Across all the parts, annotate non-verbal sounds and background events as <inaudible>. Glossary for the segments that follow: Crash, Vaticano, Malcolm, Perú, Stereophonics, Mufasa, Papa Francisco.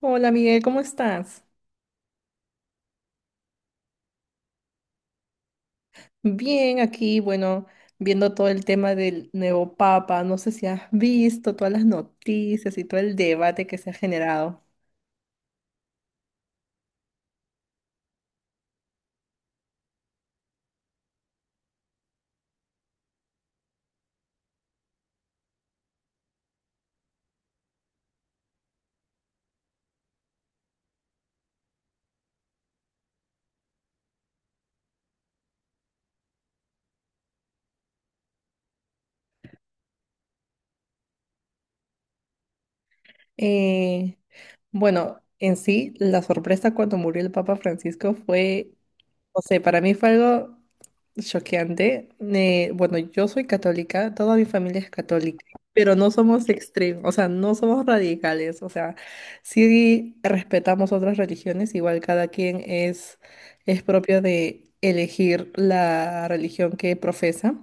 Hola Miguel, ¿cómo estás? Bien, aquí, bueno, viendo todo el tema del nuevo Papa, no sé si has visto todas las noticias y todo el debate que se ha generado. Eh, bueno, en sí, la sorpresa cuando murió el Papa Francisco fue, no sé, para mí fue algo choqueante. Bueno, yo soy católica, toda mi familia es católica, pero no somos extremos, o sea, no somos radicales, o sea, sí respetamos otras religiones, igual cada quien es propio de elegir la religión que profesa.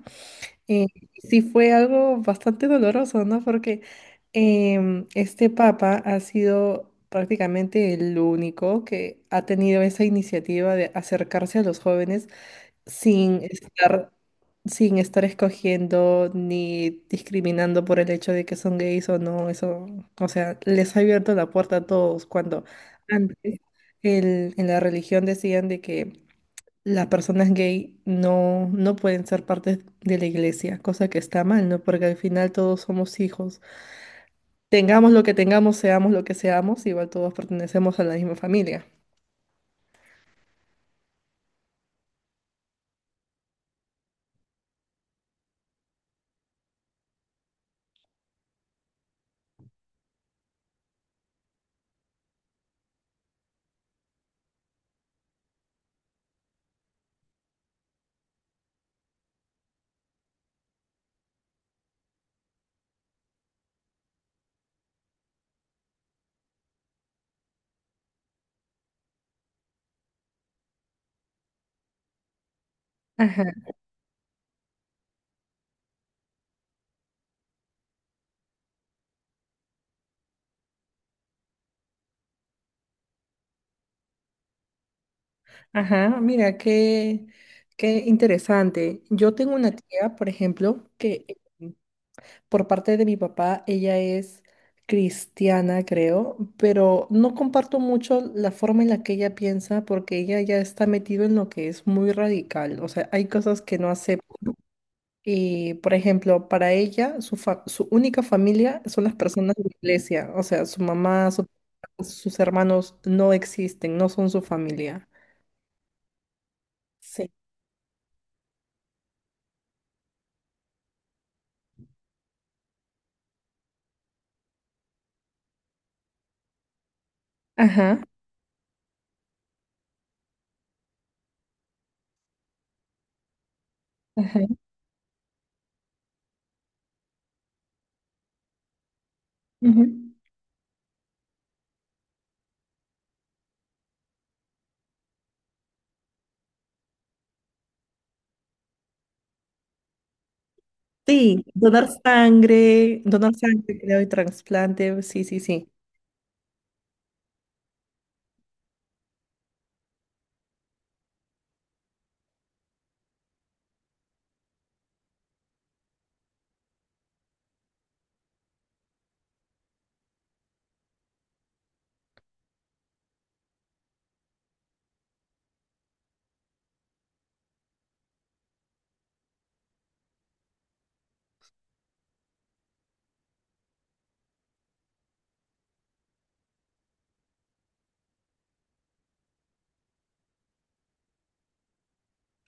Eh, sí fue algo bastante doloroso, ¿no? Porque este papa ha sido prácticamente el único que ha tenido esa iniciativa de acercarse a los jóvenes sin estar, sin estar escogiendo ni discriminando por el hecho de que son gays o no, eso, o sea, les ha abierto la puerta a todos cuando antes en la religión decían de que las personas gay no, no pueden ser parte de la iglesia, cosa que está mal, ¿no? Porque al final todos somos hijos. Tengamos lo que tengamos, seamos lo que seamos, igual todos pertenecemos a la misma familia. Ajá, mira, qué interesante. Yo tengo una tía, por ejemplo, que eh, por parte de mi papá, ella es cristiana, creo, pero no comparto mucho la forma en la que ella piensa porque ella ya está metida en lo que es muy radical. O sea, hay cosas que no acepta. Y, por ejemplo, para ella, su única familia son las personas de la iglesia. O sea, su mamá, sus hermanos no existen, no son su familia. Sí. Ajá. Ujú. Sí, donar sangre, creo, y trasplante, sí, sí, sí.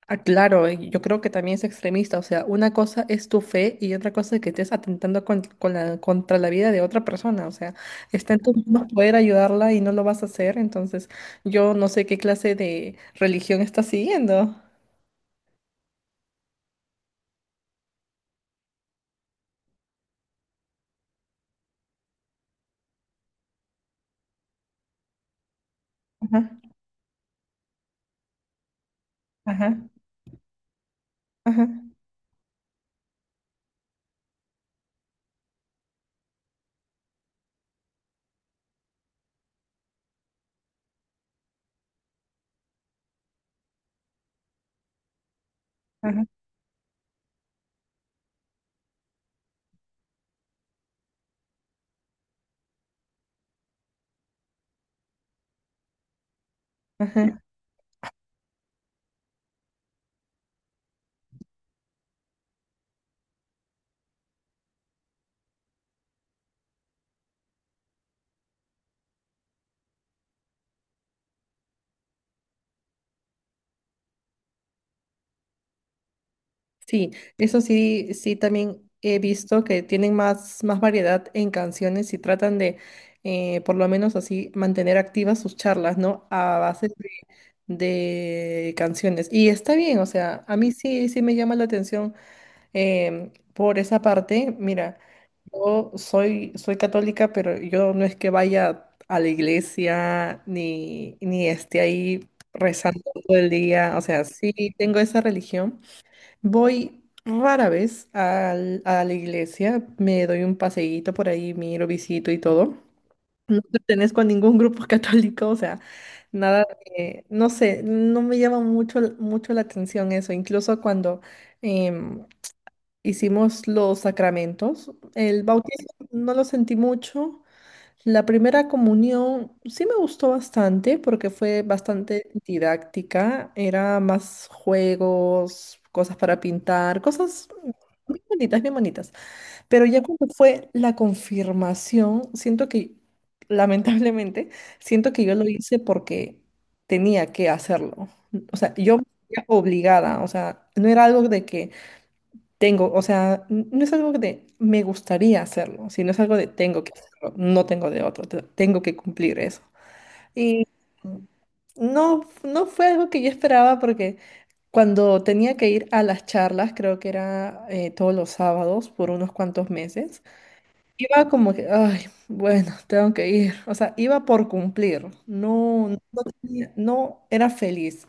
Ah, claro, y yo creo que también es extremista, o sea, una cosa es tu fe y otra cosa es que estés atentando con, contra la vida de otra persona, o sea, está en tus manos poder ayudarla y no lo vas a hacer, entonces yo no sé qué clase de religión estás siguiendo. Ajá, ajá, ajá, ajá, ajá. Sí, eso sí, sí también he visto que tienen más, más variedad en canciones y tratan de, por lo menos así, mantener activas sus charlas, ¿no? A base de canciones. Y está bien, o sea, a mí sí, sí me llama la atención por esa parte. Mira, yo soy, soy católica, pero yo no es que vaya a la iglesia ni, ni esté ahí rezando todo el día. O sea, sí tengo esa religión. Voy rara vez a la iglesia, me doy un paseíto por ahí, miro, visito y todo. No pertenezco a ningún grupo <laughs> católico, o sea, nada no sé, no me llama mucho, mucho la atención eso. Incluso cuando em, hicimos los sacramentos, el bautismo no lo sentí mucho, la primera comunión sí me gustó bastante porque fue bastante didáctica, era más juegos, cosas para pintar, cosas bien bonitas, bien bonitas. Pero ya cuando fue la confirmación, siento que, lamentablemente, siento que yo lo hice porque tenía que hacerlo. O sea, yo me sentía obligada, o sea, no era algo de que tengo, o sea, no es algo de me gustaría hacerlo, sino es algo de tengo que hacerlo, no tengo de otro, tengo que cumplir eso. Y no, no fue algo que yo esperaba porque cuando tenía que ir a las charlas, creo que era todos los sábados por unos cuantos meses, iba como que, ay, bueno, tengo que ir, o sea, iba por cumplir, no, no, no era feliz.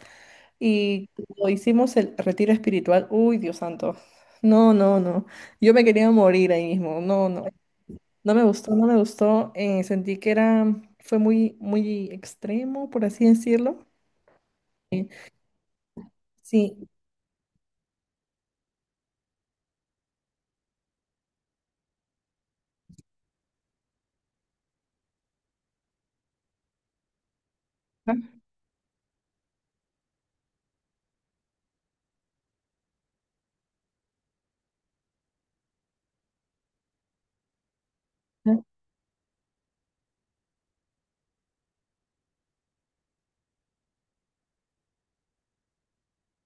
Y cuando hicimos el retiro espiritual, uy, Dios santo, no, no, no, yo me quería morir ahí mismo, no, no, no me gustó, no me gustó, sentí que era, fue muy, muy extremo, por así decirlo, sí, ajá,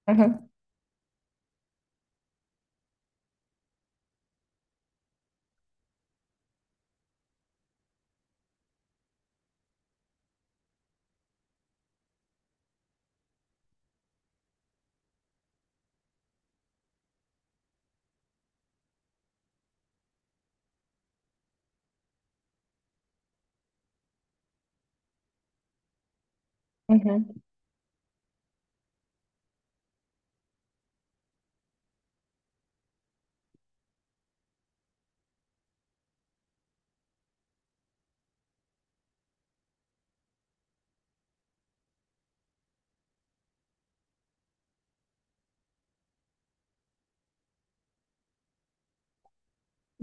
ajá, ajá.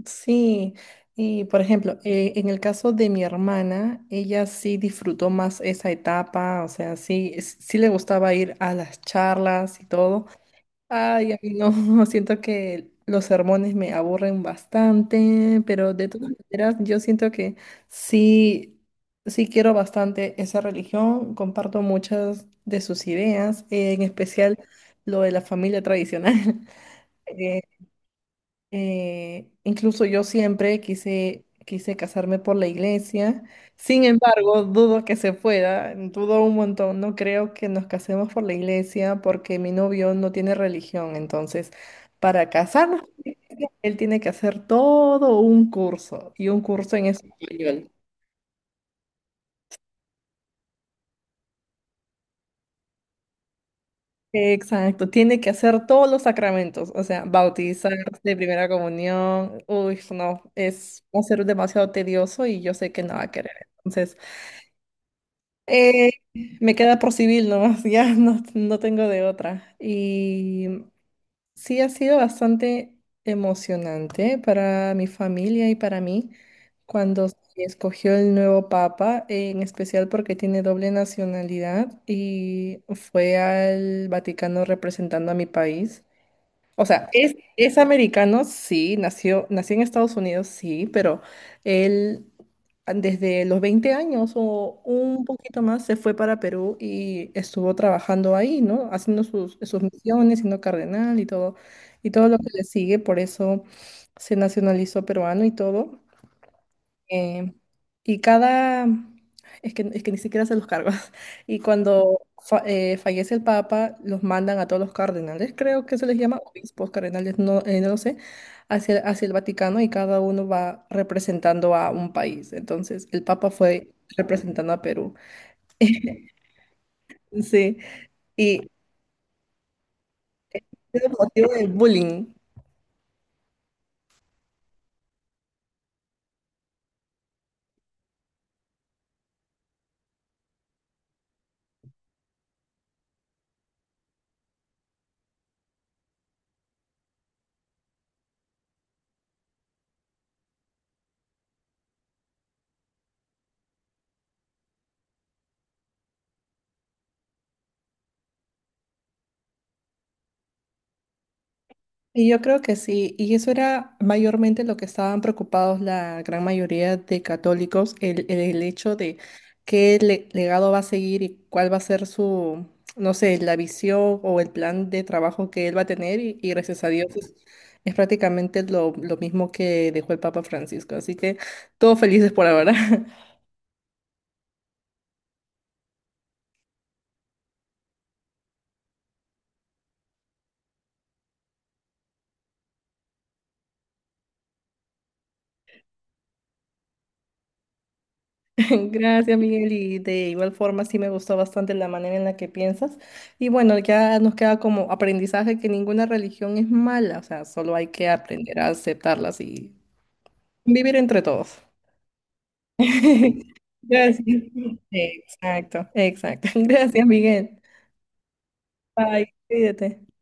Sí, y por ejemplo, en el caso de mi hermana, ella sí disfrutó más esa etapa, o sea, sí, sí le gustaba ir a las charlas y todo. Ay, a mí no, <laughs> siento que los sermones me aburren bastante, pero de todas maneras yo siento que sí, sí quiero bastante esa religión, comparto muchas de sus ideas, en especial lo de la familia tradicional. <laughs> Incluso yo siempre quise, quise casarme por la iglesia. Sin embargo, dudo que se pueda, dudo un montón. No creo que nos casemos por la iglesia porque mi novio no tiene religión. Entonces, para casarnos por la iglesia, él tiene que hacer todo un curso y un curso en español. Exacto, tiene que hacer todos los sacramentos, o sea, bautizarse, primera comunión, uy, no, es va a ser demasiado tedioso y yo sé que no va a querer. Entonces, Eh, me queda por civil nomás, <laughs> ya no, no tengo de otra. Y sí ha sido bastante emocionante para mi familia y para mí cuando se escogió el nuevo papa, en especial porque tiene doble nacionalidad y fue al Vaticano representando a mi país. O sea, es americano, sí, nació, nació en Estados Unidos, sí, pero él desde los 20 años o un poquito más se fue para Perú y estuvo trabajando ahí, ¿no? Haciendo sus, sus misiones, siendo cardenal y todo lo que le sigue, por eso se nacionalizó peruano y todo. Eh, y cada, es que ni siquiera se los cargos. <laughs> Y cuando fallece el Papa, los mandan a todos los cardenales, creo que se les llama obispos, cardenales, no, no lo sé, hacia, hacia el Vaticano y cada uno va representando a un país. Entonces, el Papa fue representando a Perú. <laughs> Sí, y es el motivo del bullying. Y yo creo que sí, y eso era mayormente lo que estaban preocupados la gran mayoría de católicos, el hecho de qué legado va a seguir y cuál va a ser su, no sé, la visión o el plan de trabajo que él va a tener, y gracias a Dios es prácticamente lo mismo que dejó el Papa Francisco, así que todos felices por ahora. <laughs> Gracias, Miguel, y de igual forma sí me gustó bastante la manera en la que piensas. Y bueno, ya nos queda como aprendizaje que ninguna religión es mala, o sea, solo hay que aprender a aceptarlas y vivir entre todos. <laughs> Gracias. Exacto, exacto. <laughs> Gracias, Miguel. Bye, cuídate.